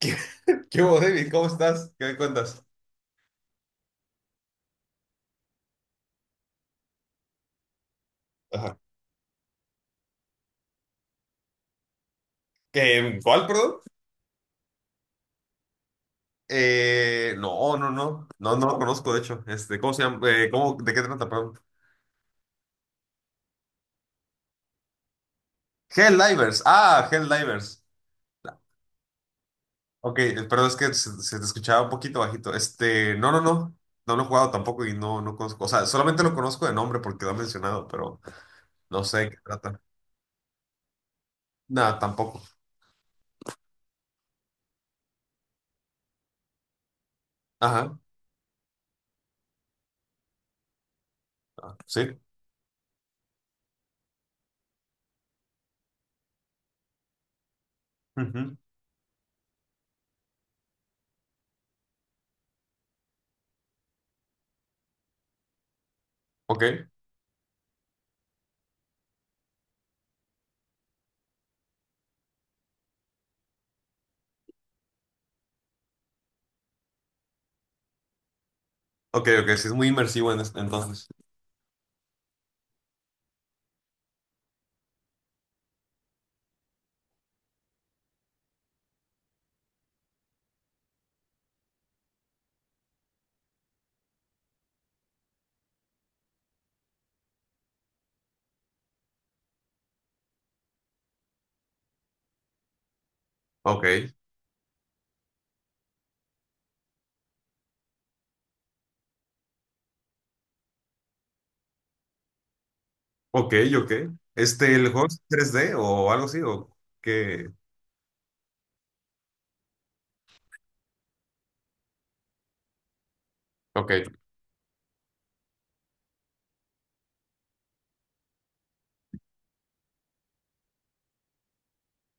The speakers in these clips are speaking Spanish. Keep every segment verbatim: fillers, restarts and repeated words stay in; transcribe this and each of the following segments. ¿Qué, qué hubo, David? ¿Cómo estás? ¿Qué me cuentas? Ajá. ¿Qué- ¿cuál, perdón? Eh, no, no, no. No, no lo conozco, de hecho. Este, ¿cómo se llama? Eh, ¿cómo, ¿de qué trata, perdón? Helldivers. Ah, Helldivers. Ok, eh, perdón, es que se, se te escuchaba un poquito bajito. Este, no, no, no. No lo he jugado tampoco y no, no conozco. O sea, solamente lo conozco de nombre porque lo han mencionado, pero no sé de qué trata. Nada, tampoco. Ajá. Ah, sí. Ujú. Ok. Ok, ok. Sí, es muy inmersivo en es- entonces. Ok. Ok, ok. Este, ¿el juego es tres D o algo así, o qué? Ok.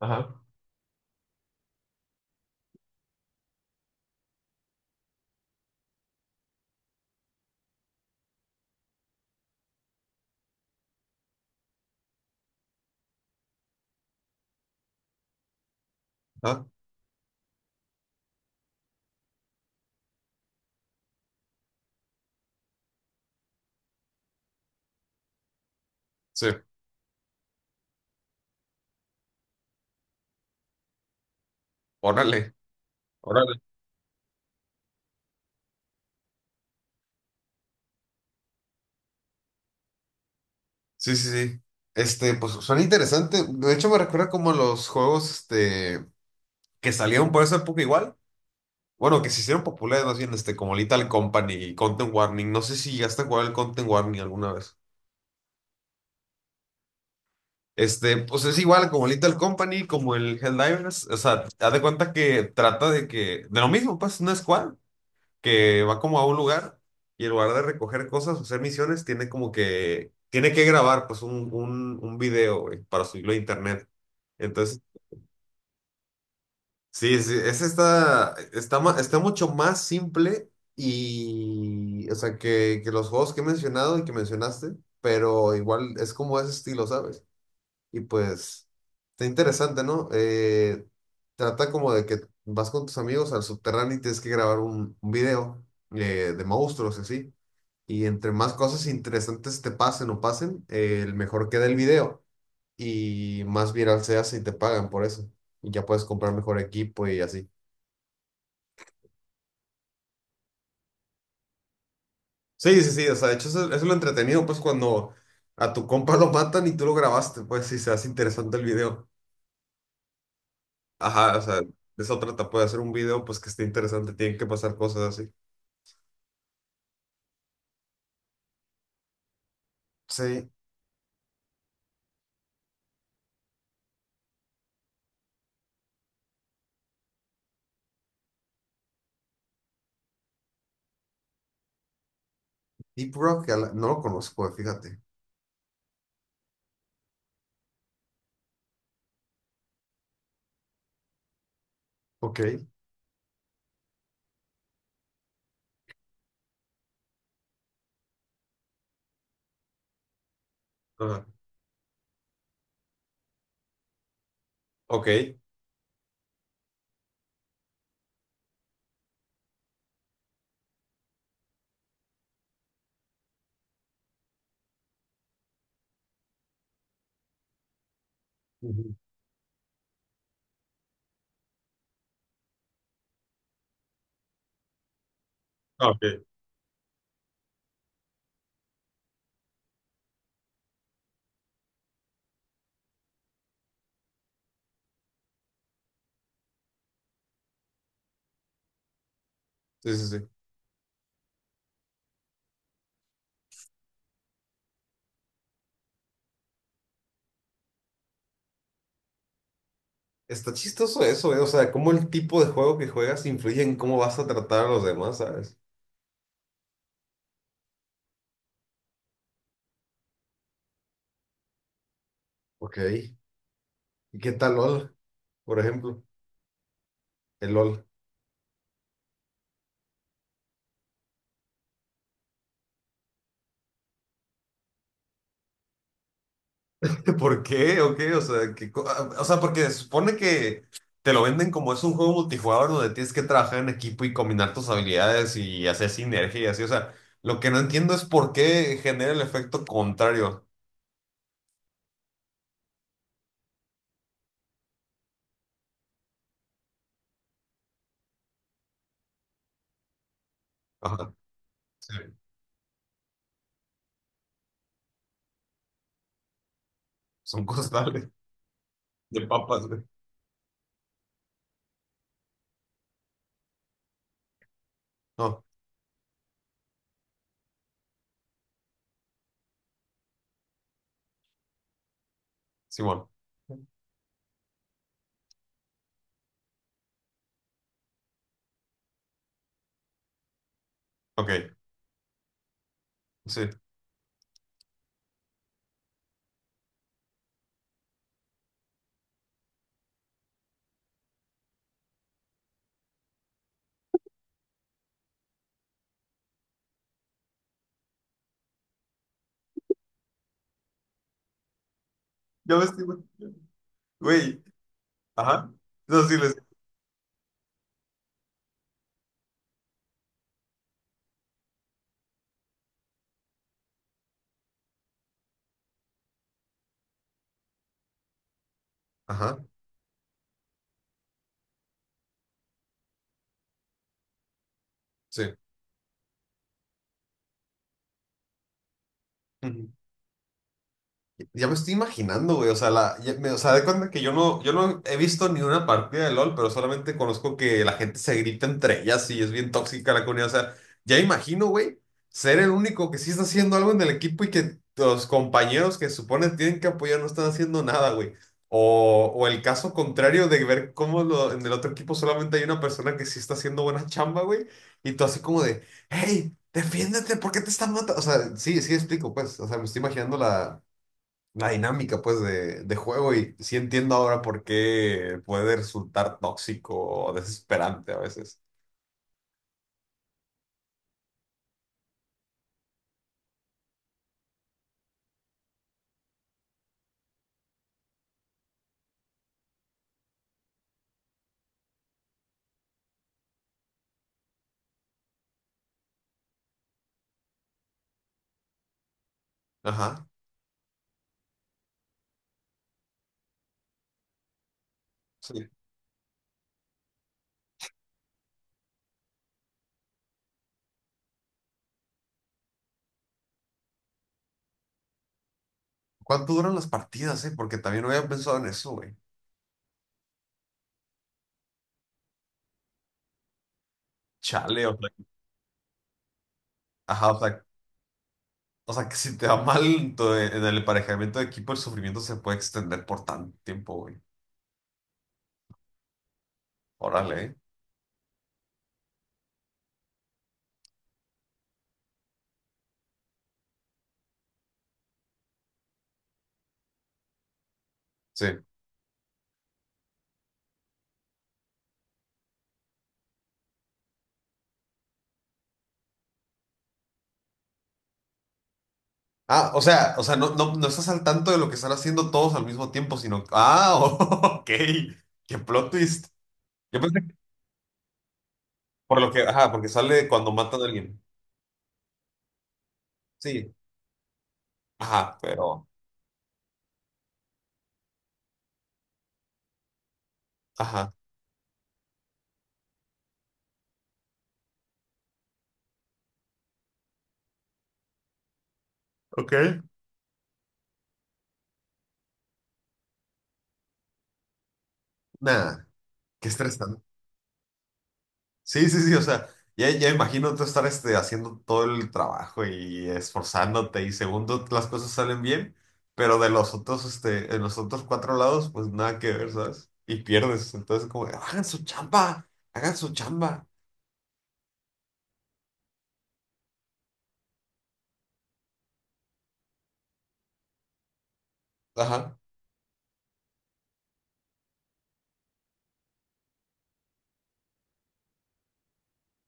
Ajá. Ah, sí. Órale. Órale. Sí, sí, sí. Este, pues suena interesante. De hecho, me recuerda como los juegos, este, que salieron por esa época igual. Bueno, que se hicieron populares más bien, este, como Lethal Company y Content Warning. No sé si llegaste a jugar el Content Warning alguna vez. Este, pues es igual como Little Company, como el Helldivers. O sea, haz de cuenta que trata de que, de lo mismo, pues, una squad que va como a un lugar y en lugar de recoger cosas o hacer misiones, tiene como que, tiene que grabar pues un, un, un video, güey, para subirlo a internet. Entonces, sí, sí, ese está, está, ma- está mucho más simple y, o sea, que, que los juegos que he mencionado y que mencionaste, pero igual es como ese estilo, ¿sabes? Y pues, está interesante, ¿no? Eh, trata como de que vas con tus amigos al subterráneo y tienes que grabar un, un video, eh, de monstruos, y así. Y entre más cosas interesantes te pasen o pasen, eh, el mejor queda el video y más viral se hace y te pagan por eso. Y ya puedes comprar mejor equipo y así. Sí, sí, sí, o sea, de hecho eso, eso es lo entretenido, pues cuando a tu compa lo matan y tú lo grabaste, pues si se hace interesante el video. Ajá, o sea, de otra etapa de hacer un video pues que esté interesante, tienen que pasar cosas así. Sí, Deep Rock, a la- no lo conozco, fíjate. Ok. Ajá. Ok. Ujú. Ah, ok. Sí, sí, sí. Está chistoso eso, ¿eh? O sea, cómo el tipo de juego que juegas influye en cómo vas a tratar a los demás, ¿sabes? Ok. ¿Y qué tal LOL, por ejemplo? El LOL. ¿Por qué? ¿O qué? O sea, que co- ah, o sea, porque se supone que te lo venden como es un juego multijugador donde tienes que trabajar en equipo y combinar tus habilidades y hacer sinergia y así. O sea, lo que no entiendo es por qué genera el efecto contrario. Ajá, sí, son costales de papas, güey. No, Simón. Ok, sí. Ya ves, que, güey. Güey, ajá. No, sí les. Ajá, sí. Ujú. Ya me estoy imaginando, güey. O sea, la, ya me- o sea, de cuenta que yo no, yo no he visto ni una partida de LOL, pero solamente conozco que la gente se grita entre ellas y es bien tóxica la comunidad. O sea, ya me imagino, güey, ser el único que sí está haciendo algo en el equipo y que los compañeros que supone tienen que apoyar no están haciendo nada, güey. O, o el caso contrario de ver cómo lo- en el otro equipo solamente hay una persona que sí está haciendo buena chamba, güey. Y tú así como de, hey, defiéndete, ¿por qué te están matando? O sea, sí, sí explico, pues. O sea, me estoy imaginando la la dinámica pues de, de juego y sí entiendo ahora por qué puede resultar tóxico o desesperante a veces. Ajá, sí. ¿Cuánto duran las partidas, eh? Porque también no había pensado en eso, güey. Chale, o sea, ajá, o sea, o sea, que si te va mal en tu- en el emparejamiento de equipo, el sufrimiento se puede extender por tanto tiempo, güey. Órale, ¿eh? Sí. Ah, o sea, o sea, no, no, no estás al tanto de lo que están haciendo todos al mismo tiempo, sino, ah, ok, qué plot twist. Yo pensé que- por lo que, ajá, porque sale cuando matan a alguien. Sí, ajá, pero, ajá, ok, nada, qué estresante. Sí, sí, sí, o sea, ya, ya imagino tú estar este, haciendo todo el trabajo y esforzándote y segundo las cosas salen bien, pero de los otros, este, en los otros cuatro lados, pues nada que ver, ¿sabes? Y pierdes, entonces como, hagan su chamba, hagan su chamba. Ajá,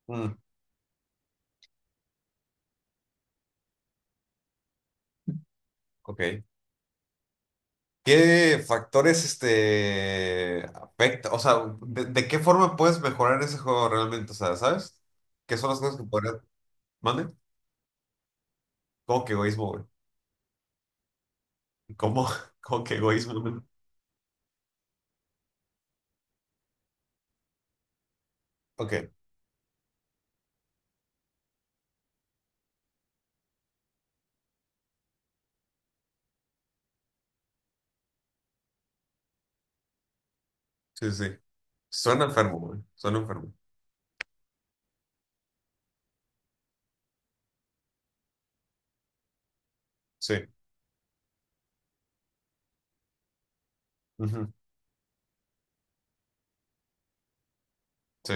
mm, ok. ¿Qué factores, este, afecta? O sea, ¿de, de qué forma puedes mejorar ese juego realmente? O sea, ¿sabes? ¿Qué son las cosas que podrías? ¿Mande? ¿Cómo que egoísmo, güey? ¿Cómo? ¿Cómo que egoísmo, güey? Ok, sí, sí, sí. Suena enfermo, güey. Suena enfermo. Sí. Ujú, sí,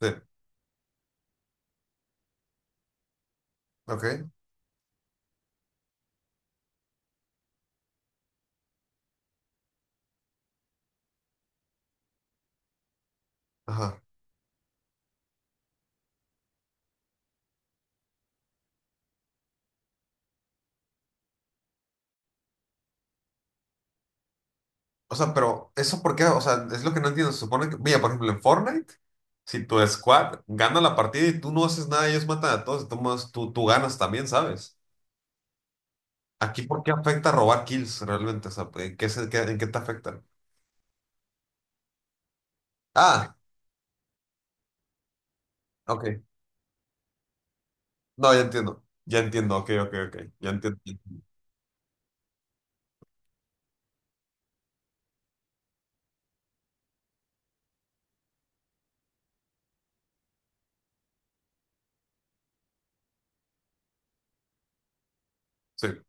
sí. Ok, ajá. O sea, pero ¿eso por qué? O sea, es lo que no entiendo. Se supone que, mira, por ejemplo, en Fortnite, si tu squad gana la partida y tú no haces nada, ellos matan a todos, de todos modos, tú, tú ganas también, ¿sabes? Aquí, ¿por qué afecta robar kills realmente? O sea, ¿en qué, se- qué- ¿en qué te afecta? Ah, ok. No, ya entiendo. Ya entiendo, ok, ok, ok. Ya entiendo. Sí.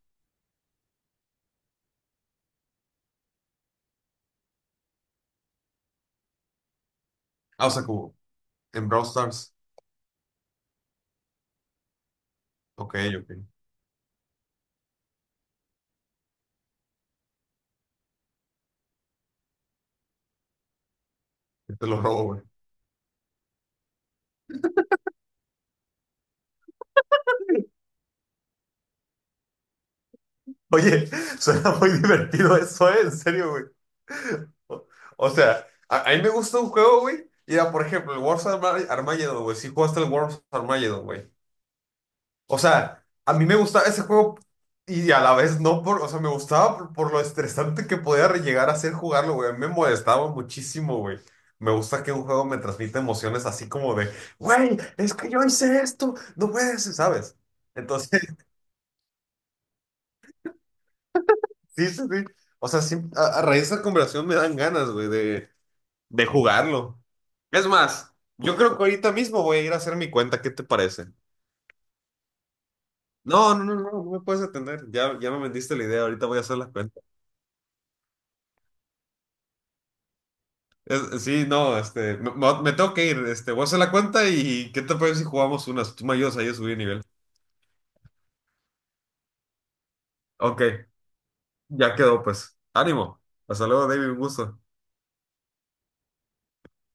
Ah, o sea, como, en Brawl Stars. Ok, ok. Yo te lo robo, güey. Oye, suena muy divertido eso, ¿eh? En serio, güey. O, o sea, a, a mí me gusta un juego, güey. Mira, por ejemplo, el Wars Arma- Armageddon, güey. Sí jugaste el Wars Armageddon, güey. O sea, a mí me gustaba ese juego y a la vez no por... O sea, me gustaba por, por lo estresante que podía re- llegar a ser jugarlo, güey. A mí me molestaba muchísimo, güey. Me gusta que un juego me transmita emociones así como de, güey, es que yo hice esto, no puedes, ¿sabes? Entonces sí, sí, sí. O sea, sí, a, a raíz de esa conversación me dan ganas, güey, de, de jugarlo. Es más, yo creo que ahorita mismo voy a ir a hacer mi cuenta. ¿Qué te parece? No, no, no, no, no me puedes atender. Ya, ya me vendiste la idea. Ahorita voy a hacer la cuenta. Es- sí, no, este, me, me- me tengo que ir. Este, voy a hacer la cuenta y ¿qué te parece si jugamos unas? Tú me ayudas ahí a subir nivel. Ok, ya quedó, pues. Ánimo. Hasta luego, David. Un gusto.